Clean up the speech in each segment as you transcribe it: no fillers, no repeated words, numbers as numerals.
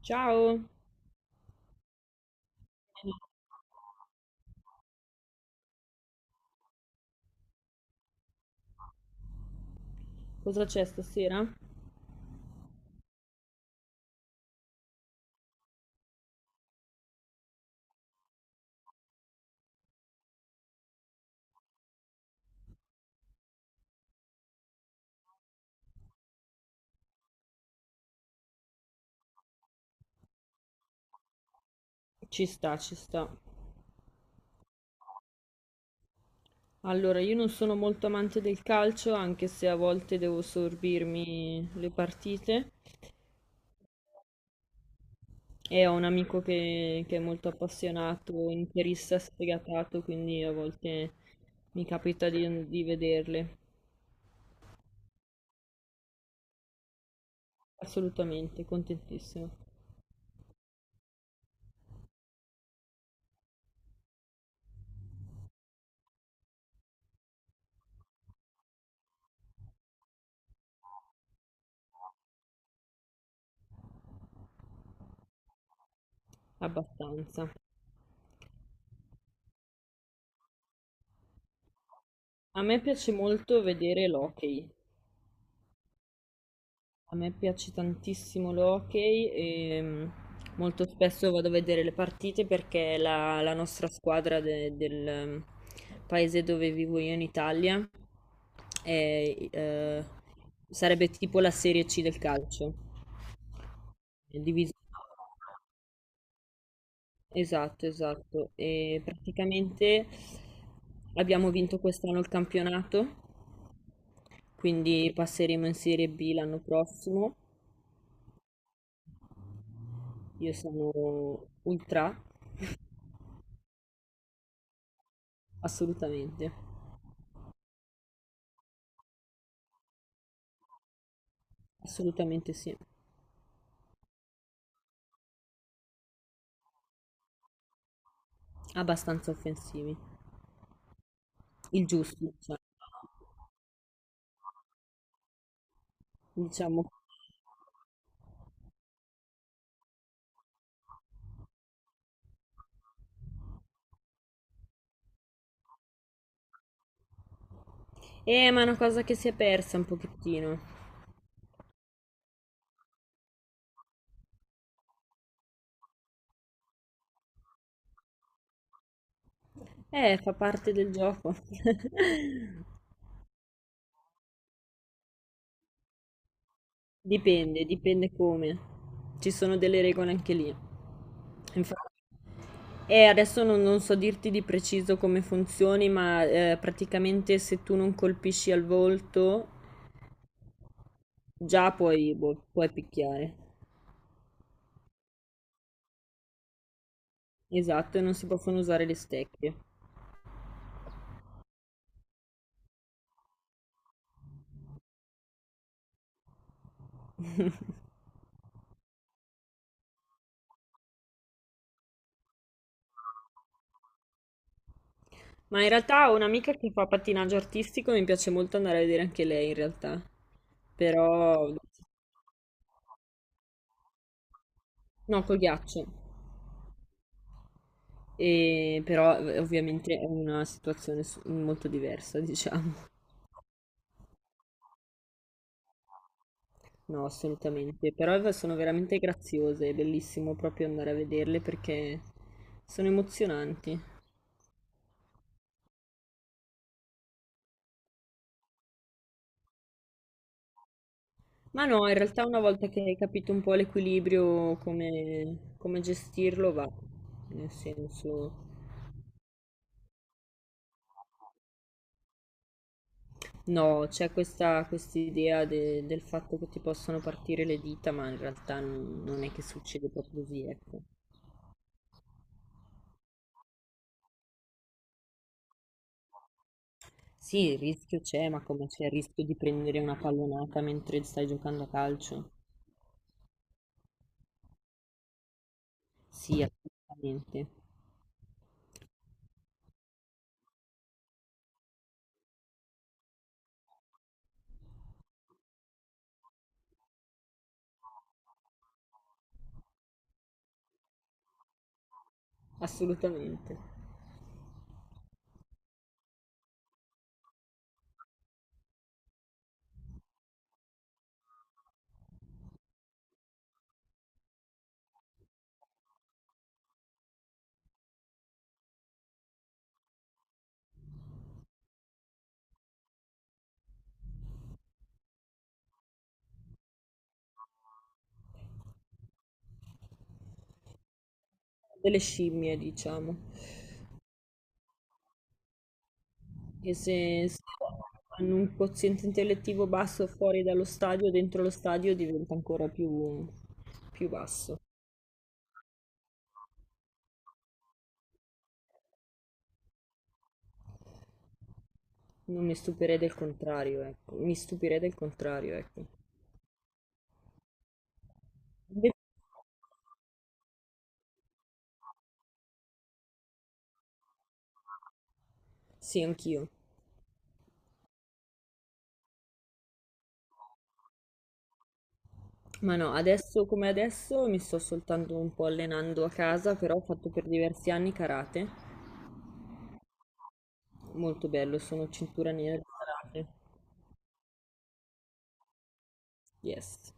Ciao, cosa c'è stasera? Ci sta, ci sta. Allora, io non sono molto amante del calcio, anche se a volte devo sorbirmi le partite. E ho un amico che è molto appassionato, interista sfegatato, quindi a volte mi capita di vederle. Assolutamente, contentissimo. Abbastanza. A me piace molto vedere l'hockey. A me piace tantissimo l'hockey e molto spesso vado a vedere le partite perché la nostra squadra del paese dove vivo io in Italia è, sarebbe tipo la Serie C del calcio. È diviso- Esatto, esatto. E praticamente abbiamo vinto quest'anno il campionato, quindi passeremo in Serie B l'anno prossimo. Io sono ultra. Assolutamente, assolutamente sì, abbastanza offensivi, il giusto, diciamo. Diciamo. Ma è una cosa che si è persa un pochettino. Fa parte del gioco. Dipende, dipende come. Ci sono delle regole anche lì. Infatti, adesso non so dirti di preciso come funzioni, ma praticamente se tu non colpisci al volto, già puoi, boh, puoi picchiare. Esatto, e non si possono usare le stecche. Ma in realtà ho un'amica che fa pattinaggio artistico e mi piace molto andare a vedere anche lei in realtà. Però, no, col ghiaccio. E, però ovviamente è una situazione molto diversa, diciamo. No, assolutamente. Però sono veramente graziose, è bellissimo proprio andare a vederle perché sono emozionanti. Ma no, in realtà una volta che hai capito un po' l'equilibrio, come gestirlo, va. Nel senso... No, c'è questa idea del fatto che ti possano partire le dita, ma in realtà non è che succede proprio così, ecco. Sì, il rischio c'è, ma come c'è il rischio di prendere una pallonata mentre stai giocando a calcio? Sì, assolutamente, assolutamente. Delle scimmie, diciamo. E se hanno un quoziente intellettivo basso fuori dallo stadio, dentro lo stadio diventa ancora più, più basso. Non mi stupirei del contrario, ecco. Mi stupirei del contrario, ecco. Inve- Sì, anch'io. Ma no, adesso come adesso mi sto soltanto un po' allenando a casa, però ho fatto per diversi anni karate. Molto bello, sono cintura nera di karate. Yes,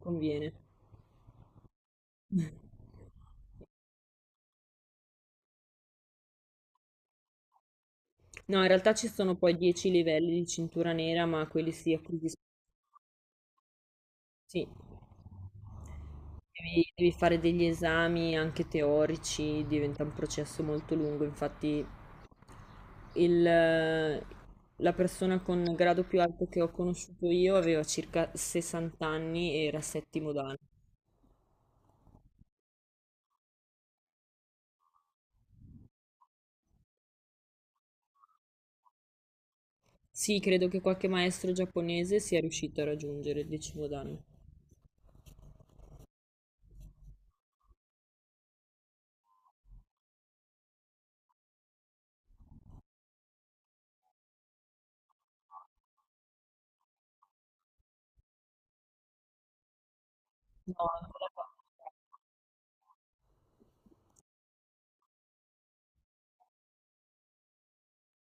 conviene. No, in realtà ci sono poi 10 livelli di cintura nera, ma quelli si acquisiscono. Sì. Devi fare degli esami anche teorici, diventa un processo molto lungo, infatti il- la persona con grado più alto che ho conosciuto io aveva circa 60 anni e era 7° dan. Sì, credo che qualche maestro giapponese sia riuscito a raggiungere il 10° dan. No, ancora qua.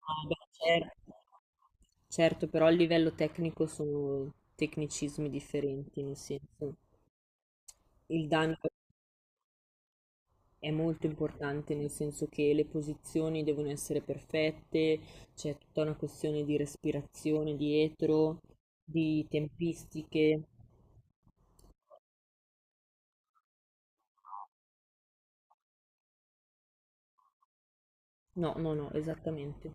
Ah, beh, certo. Certo, però a livello tecnico sono tecnicismi differenti, nel senso il dan è molto importante nel senso che le posizioni devono essere perfette, c'è tutta una questione di respirazione dietro, di tempistiche. No, no, no, esattamente.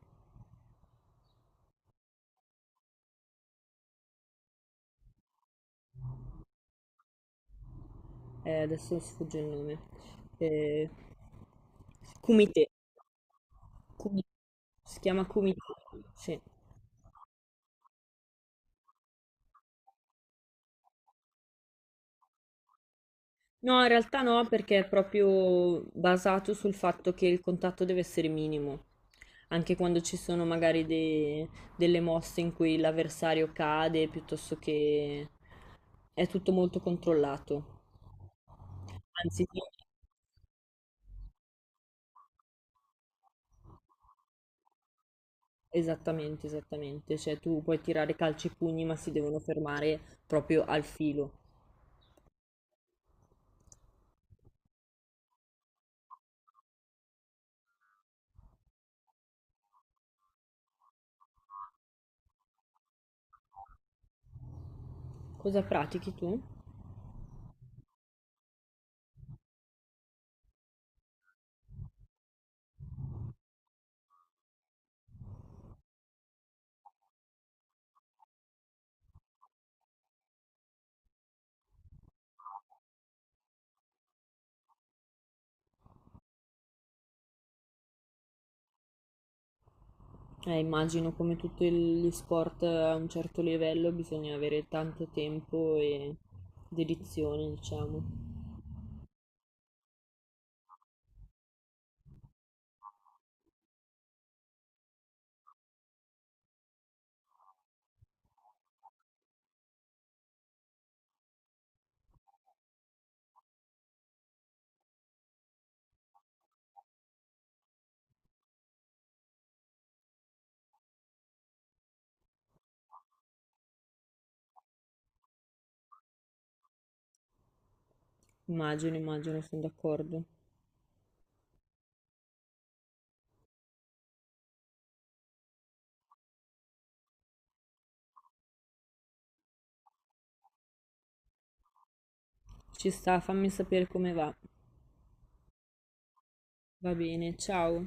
Adesso mi sfugge il nome. Eh, Kumite. Kumi- Si chiama Kumite. Sì. No, in realtà no, perché è proprio basato sul fatto che il contatto deve essere minimo, anche quando ci sono magari delle mosse in cui l'avversario cade, piuttosto che è tutto molto controllato. Anzi, tu- esattamente, esattamente, cioè tu puoi tirare calci e pugni, ma si devono fermare proprio al filo. Cosa pratichi tu? Immagino come tutti gli sport a un certo livello bisogna avere tanto tempo e dedizione, diciamo. Immagino, immagino, sono d'accordo. Ci sta, fammi sapere come va. Va bene, ciao.